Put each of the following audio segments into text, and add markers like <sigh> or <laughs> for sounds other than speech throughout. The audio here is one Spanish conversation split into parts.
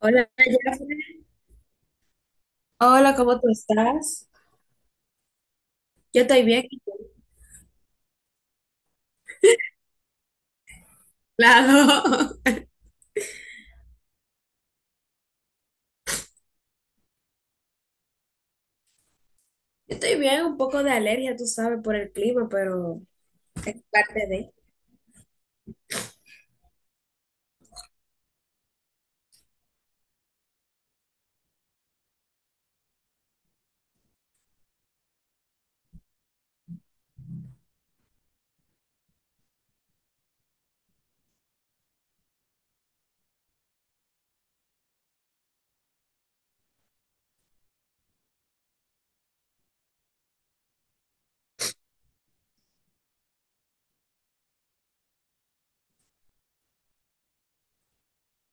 Hola, Jafre. Hola, ¿cómo tú estás? Yo estoy bien, claro. <laughs> Yo estoy bien, un poco de alergia, tú sabes, por el clima, pero es parte de.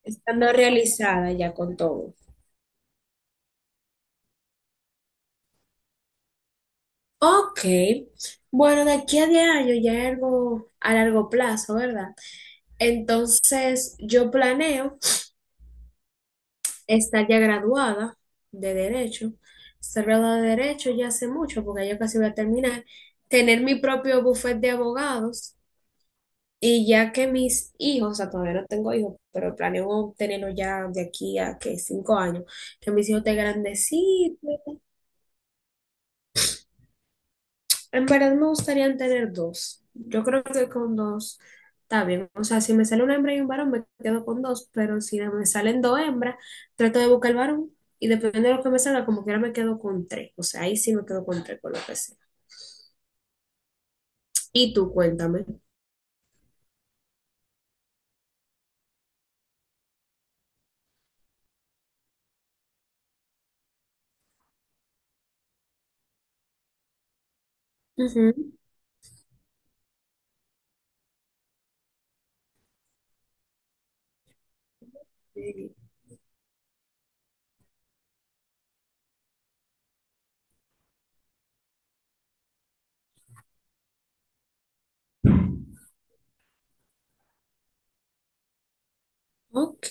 Estando realizada ya con todo. Ok, bueno, de aquí a 10 años ya es algo a largo plazo, ¿verdad? Entonces, yo planeo estar ya graduada de Derecho, estar graduada de Derecho ya hace mucho, porque ya casi voy a terminar, tener mi propio bufete de abogados. Y ya que mis hijos, o sea, todavía no tengo hijos, pero planeo tenerlo ya de aquí a que 5 años, que mis hijos estén grandecitos. En verdad me gustaría tener dos. Yo creo que con dos está bien. O sea, si me sale una hembra y un varón, me quedo con dos, pero si me salen dos hembras, trato de buscar el varón y dependiendo de lo que me salga, como quiera me quedo con tres. O sea, ahí sí me quedo con tres, con lo que sea. Y tú, cuéntame. Ujú. Sí. Ok,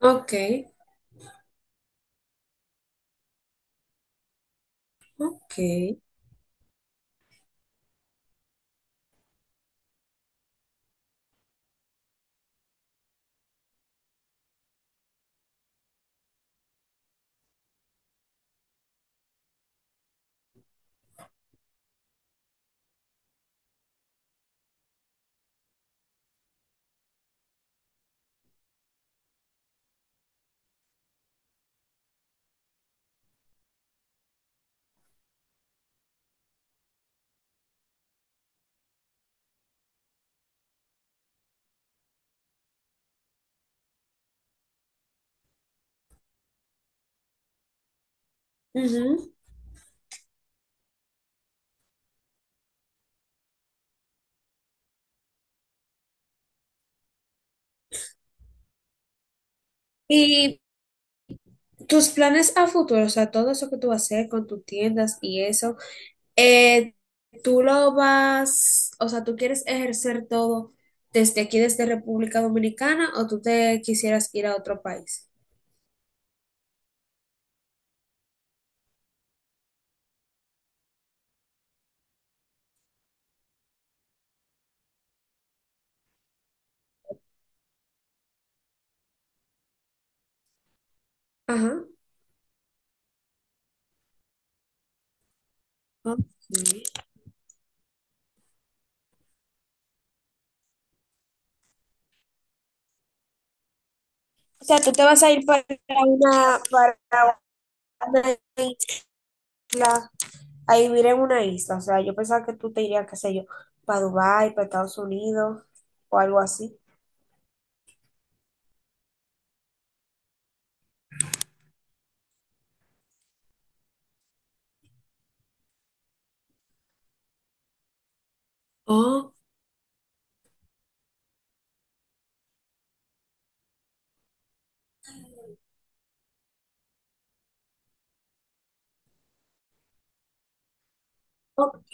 ok, ok. Ujú. Y tus planes a futuro, o sea, todo eso que tú vas a hacer con tus tiendas y eso, eh, tú lo vas, o sea, tú quieres ejercer todo desde aquí, desde República Dominicana, o tú te quisieras ir a otro país. Ajá. Ok. O sea, tú te vas a ir para una isla, a vivir en una isla. O sea, yo pensaba que tú te irías, qué sé yo, para Dubái, para Estados Unidos o algo así. Oh, ok.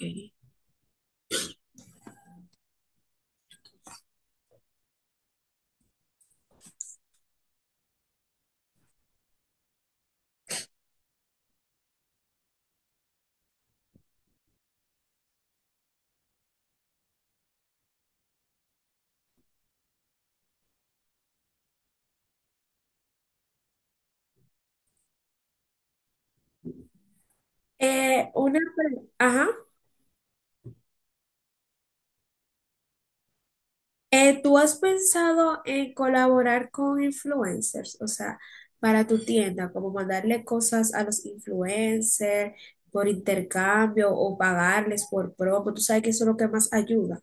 Ajá. ¿Tú has pensado en colaborar con influencers? O sea, para tu tienda, como mandarle cosas a los influencers por intercambio o pagarles por promo. Tú sabes que eso es lo que más ayuda.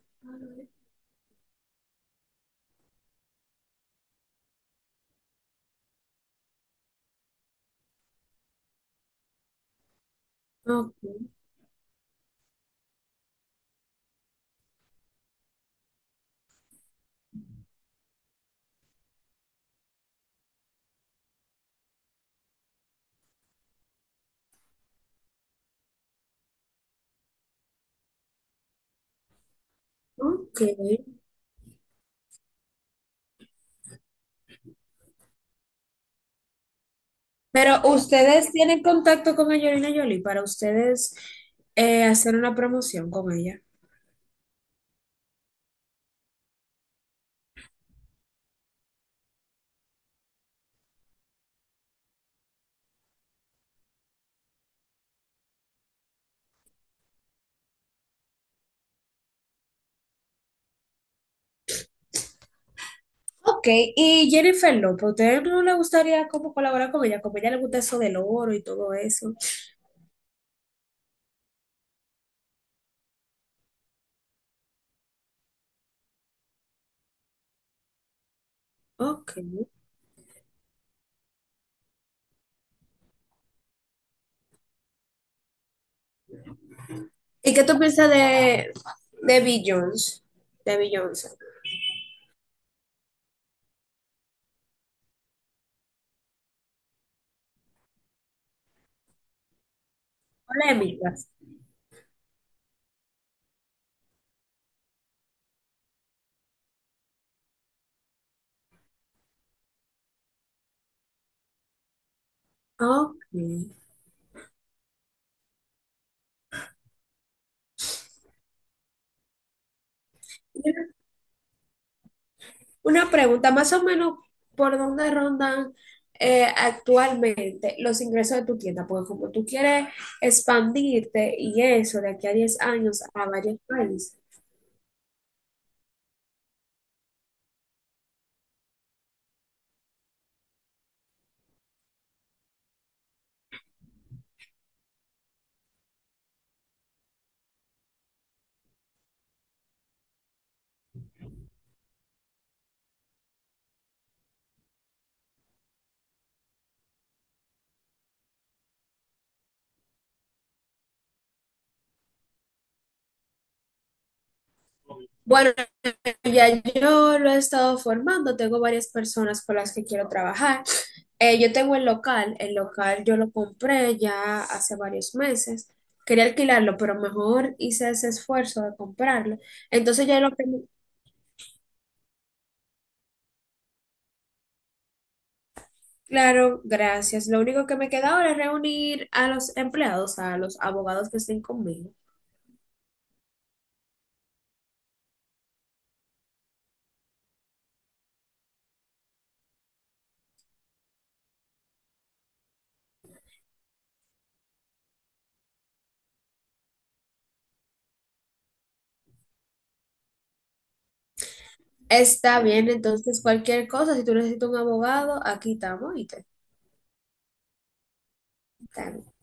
Ok, ok. Pero ustedes tienen contacto con Angelina Jolie para ustedes hacer una promoción con ella. Ok, ¿y Jennifer López, a ustedes no le gustaría como colaborar con ella? Como a ella le gusta eso del oro y todo eso. Ok. ¿Y qué tú piensas de Beyoncé? De Beyoncé. Polémicas. Ok. Una pregunta, más o menos, ¿por dónde rondan actualmente los ingresos de tu tienda? Porque como tú quieres expandirte y eso de aquí a 10 años a varios países. Bueno, ya yo lo he estado formando, tengo varias personas con las que quiero trabajar. Yo tengo el local yo lo compré ya hace varios meses. Quería alquilarlo, pero mejor hice ese esfuerzo de comprarlo. Entonces ya lo que, me- claro, gracias. Lo único que me queda ahora es reunir a los empleados, a los abogados que estén conmigo. Está bien, entonces cualquier cosa, si tú necesitas un abogado, aquí estamos y te-